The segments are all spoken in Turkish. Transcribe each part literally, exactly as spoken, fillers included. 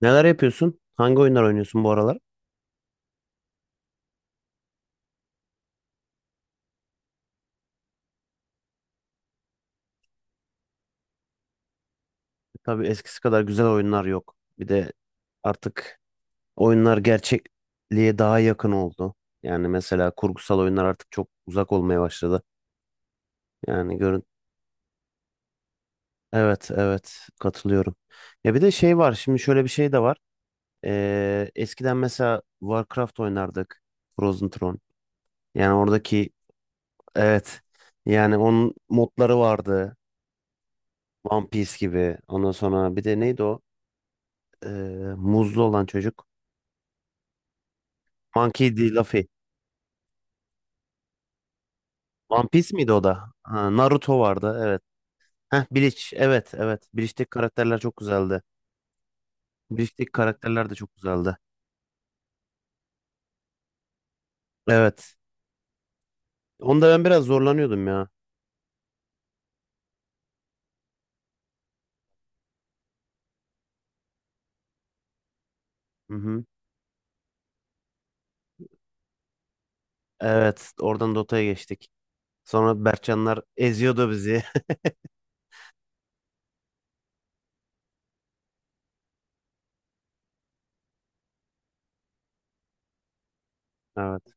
Neler yapıyorsun? Hangi oyunlar oynuyorsun bu aralar? Tabii eskisi kadar güzel oyunlar yok. Bir de artık oyunlar gerçekliğe daha yakın oldu. Yani mesela kurgusal oyunlar artık çok uzak olmaya başladı. Yani görün. Evet, evet katılıyorum. Ya bir de şey var. Şimdi şöyle bir şey de var. Ee, eskiden mesela Warcraft oynardık. Frozen Throne. Yani oradaki evet. Yani onun modları vardı. One Piece gibi. Ondan sonra bir de neydi o? Ee, muzlu olan çocuk. Monkey D. Luffy. One Piece miydi o da? Ha, Naruto vardı evet. Heh, Bleach evet evet. Bleach'teki karakterler çok güzeldi. Bleach'teki karakterler de çok güzeldi. Evet. Onda ben biraz zorlanıyordum ya. Hı hı. Evet oradan Dota'ya geçtik. Sonra Berkcanlar eziyordu bizi. Evet.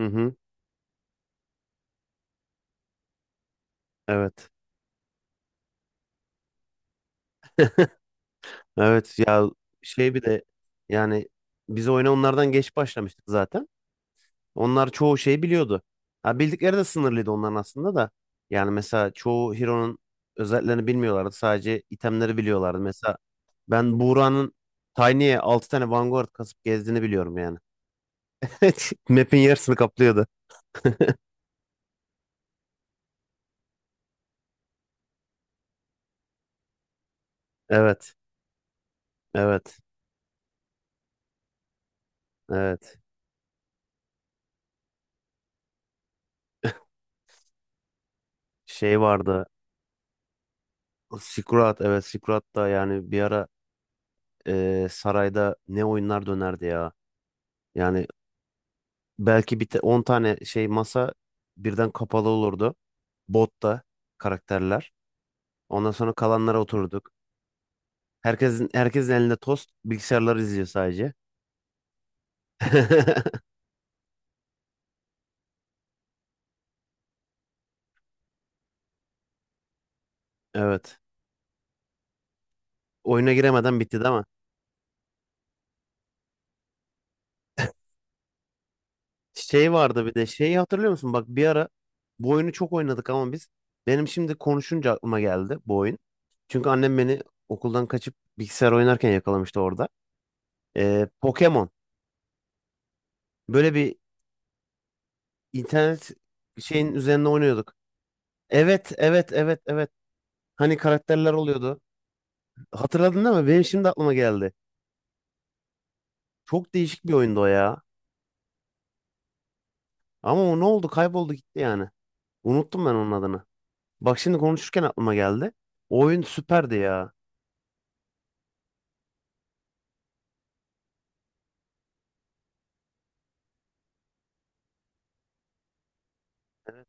Hı hı. Evet. Evet ya şey bir de yani biz oyuna onlardan geç başlamıştık zaten. Onlar çoğu şeyi biliyordu. Ha, bildikleri de sınırlıydı onların aslında da. Yani mesela çoğu Hero'nun özelliklerini bilmiyorlardı. Sadece itemleri biliyorlardı. Mesela ben Buğra'nın Tiny'e altı tane Vanguard kasıp gezdiğini biliyorum yani. Map'in yarısını kaplıyordu. Evet. Evet. Evet. Şey vardı. Sikurat. Evet. Sikurat da yani bir ara e, sarayda ne oyunlar dönerdi ya. Yani belki bir te- on tane şey masa birden kapalı olurdu. Botta karakterler. Ondan sonra kalanlara oturduk. Herkesin herkesin elinde tost, bilgisayarları izliyor sadece. Evet. Oyuna giremeden bitti de ama. Şey vardı bir de şeyi hatırlıyor musun? Bak bir ara bu oyunu çok oynadık ama biz benim şimdi konuşunca aklıma geldi bu oyun. Çünkü annem beni okuldan kaçıp bilgisayar oynarken yakalamıştı orada. Ee, Pokemon. Böyle bir internet şeyin üzerinde oynuyorduk. Evet, evet, evet, evet. Hani karakterler oluyordu. Hatırladın değil mi? Benim şimdi aklıma geldi. Çok değişik bir oyundu o ya. Ama o ne oldu? Kayboldu gitti yani. Unuttum ben onun adını. Bak şimdi konuşurken aklıma geldi. O oyun süperdi ya.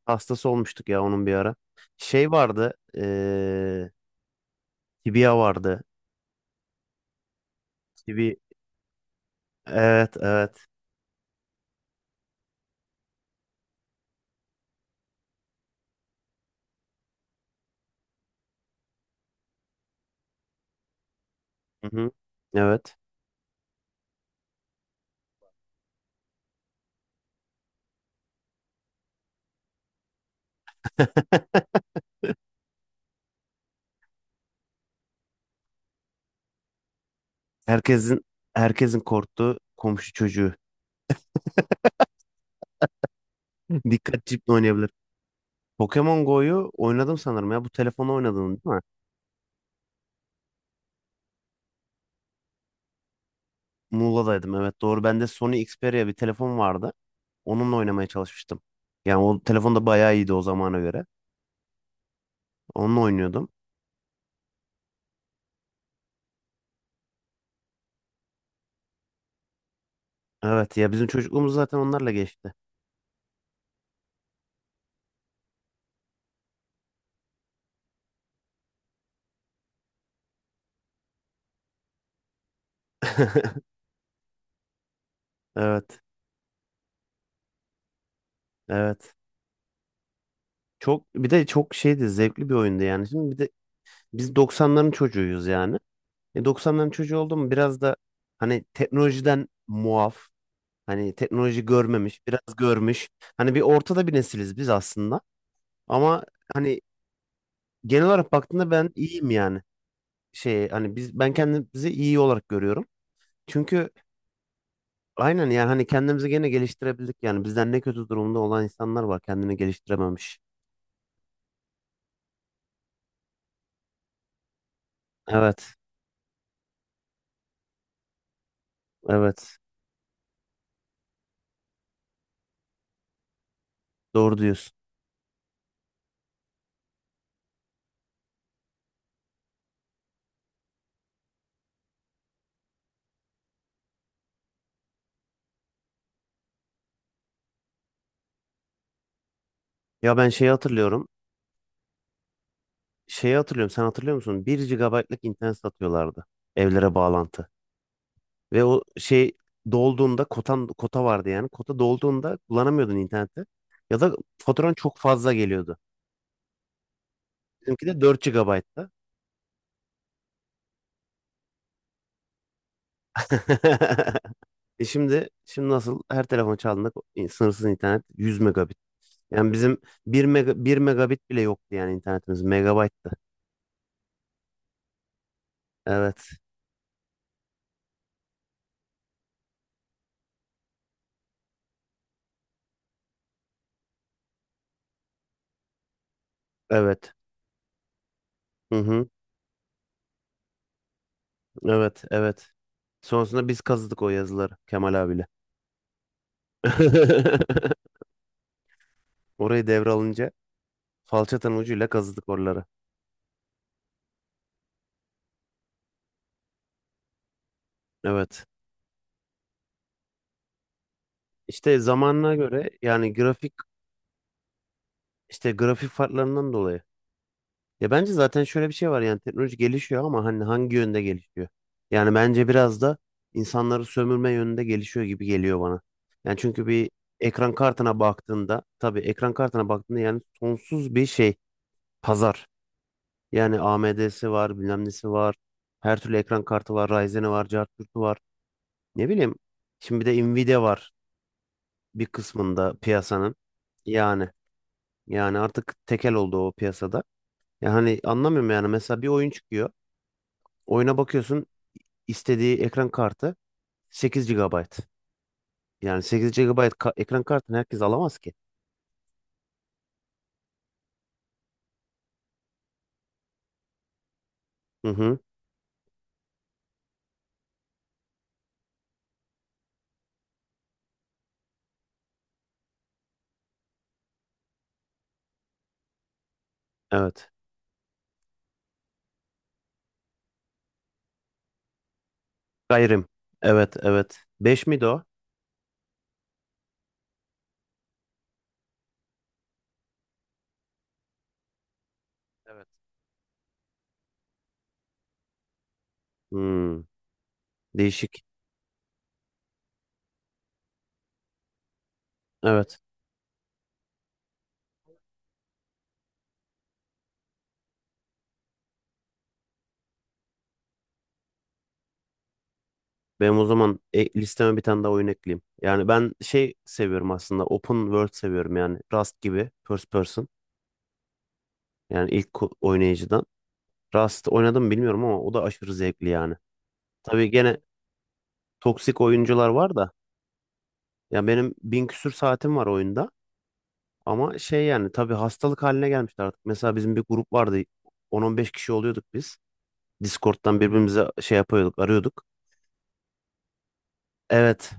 Hastası olmuştuk ya onun bir ara. Şey vardı. Eee Tibia vardı. Tibi. Evet, evet. Hı-hı. Evet. Herkesin herkesin korktuğu komşu çocuğu. Dikkat ciple oynayabilir. Pokemon Go'yu oynadım sanırım ya. Bu telefonla oynadın değil mi? Muğla'daydım evet doğru. Bende Sony Xperia bir telefon vardı. Onunla oynamaya çalışmıştım. Yani o telefon da bayağı iyiydi o zamana göre. Onunla oynuyordum. Evet ya bizim çocukluğumuz zaten onlarla geçti. Evet. Evet. Çok bir de çok şeydi zevkli bir oyundu yani. Şimdi bir de biz doksanların çocuğuyuz yani. E doksanların çocuğu oldum biraz da hani teknolojiden muaf. Hani teknoloji görmemiş, biraz görmüş. Hani bir ortada bir nesiliz biz aslında. Ama hani genel olarak baktığında ben iyiyim yani. Şey hani biz ben kendimizi iyi olarak görüyorum. Çünkü aynen yani hani kendimizi gene geliştirebildik yani bizden ne kötü durumda olan insanlar var kendini geliştirememiş. Evet. Evet. Doğru diyorsun. Ya ben şeyi hatırlıyorum. Şeyi hatırlıyorum. Sen hatırlıyor musun? Bir gigabaytlık internet satıyorlardı evlere bağlantı. Ve o şey dolduğunda kotan kota vardı yani. Kota dolduğunda kullanamıyordun interneti. Ya da faturan çok fazla geliyordu. Bizimki de dört gigabayttı. E şimdi şimdi nasıl her telefon çaldığında ko- sınırsız internet yüz megabit. Yani bizim bir mega, bir megabit bile yoktu yani internetimiz. Megabayttı. Evet. Evet. Hı hı. Evet, evet. Sonrasında biz kazıdık o yazıları Kemal abiyle. Orayı devralınca falçatanın ucuyla kazıdık oraları. Evet. İşte zamanına göre yani grafik işte grafik farklarından dolayı ya bence zaten şöyle bir şey var yani teknoloji gelişiyor ama hani hangi yönde gelişiyor? Yani bence biraz da insanları sömürme yönünde gelişiyor gibi geliyor bana. Yani çünkü bir ekran kartına baktığında tabii ekran kartına baktığında yani sonsuz bir şey pazar. Yani A M D'si var, bilmem nesi var. Her türlü ekran kartı var, Ryzen'i var, Cartürk'ü var. Ne bileyim. Şimdi bir de Nvidia var bir kısmında piyasanın. Yani yani artık tekel oldu o piyasada. Yani hani anlamıyorum yani mesela bir oyun çıkıyor. Oyuna bakıyorsun istediği ekran kartı sekiz gigabayt. Yani sekiz gigabayt ka- ekran kartını herkes alamaz ki. Hı hı. Evet. Gayrim. Evet, evet. Beş miydi o? Evet. Hmm, değişik. Evet. Benim o zaman e, listeme bir tane daha oyun ekleyeyim. Yani ben şey seviyorum aslında. Open World seviyorum yani. Rust gibi. First person. Yani ilk ko- oynayıcıdan. Rust oynadım bilmiyorum ama o da aşırı zevkli yani. Tabii gene toksik oyuncular var da. Ya benim bin küsür saatim var oyunda. Ama şey yani tabii hastalık haline gelmişti artık. Mesela bizim bir grup vardı. on on beş kişi oluyorduk biz. Discord'dan birbirimize şey yapıyorduk, arıyorduk. Evet.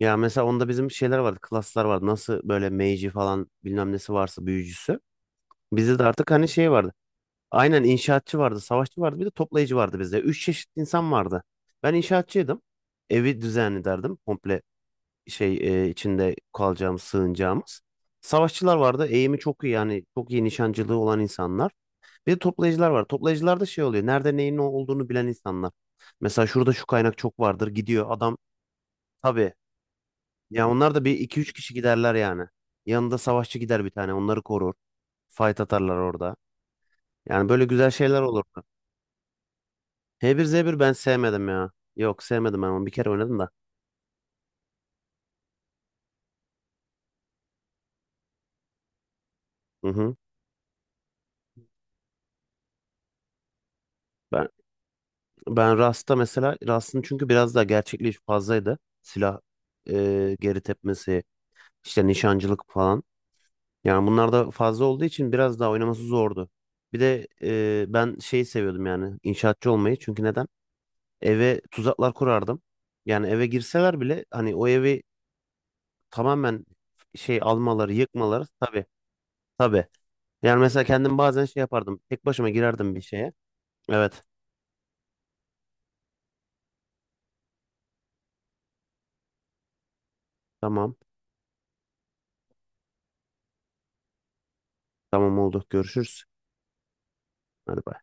Ya mesela onda bizim şeyler vardı, klaslar vardı. Nasıl böyle mage'i falan bilmem nesi varsa büyücüsü. Bizde de artık hani şey vardı. Aynen inşaatçı vardı, savaşçı vardı, bir de toplayıcı vardı bizde. Üç çeşit insan vardı. Ben inşaatçıydım. Evi düzenli derdim. Komple şey e, içinde kalacağımız, sığınacağımız. Savaşçılar vardı. Eğimi çok iyi yani çok iyi nişancılığı olan insanlar. Bir de toplayıcılar var. Toplayıcılarda şey oluyor. Nerede neyin ne olduğunu bilen insanlar. Mesela şurada şu kaynak çok vardır. Gidiyor adam. Tabii. Ya onlar da bir iki üç kişi giderler yani. Yanında savaşçı gider bir tane. Onları korur. Fight atarlar orada. Yani böyle güzel şeyler olur. h bir z bir ben sevmedim ya. Yok sevmedim ben onu. Bir kere oynadım da. Hı hı. Ben, ben Rust'ta mesela Rust'ın çünkü biraz daha gerçekliği fazlaydı. Silah e, geri tepmesi, işte nişancılık falan. Yani bunlar da fazla olduğu için biraz daha oynaması zordu. Bir de e, ben şeyi seviyordum yani inşaatçı olmayı. Çünkü neden? Eve tuzaklar kurardım. Yani eve girseler bile hani o evi tamamen şey almaları, yıkmaları tabii tabii. Yani mesela kendim bazen şey yapardım. Tek başıma girerdim bir şeye. Evet. Tamam. Tamam oldu. Görüşürüz. Hadi bay.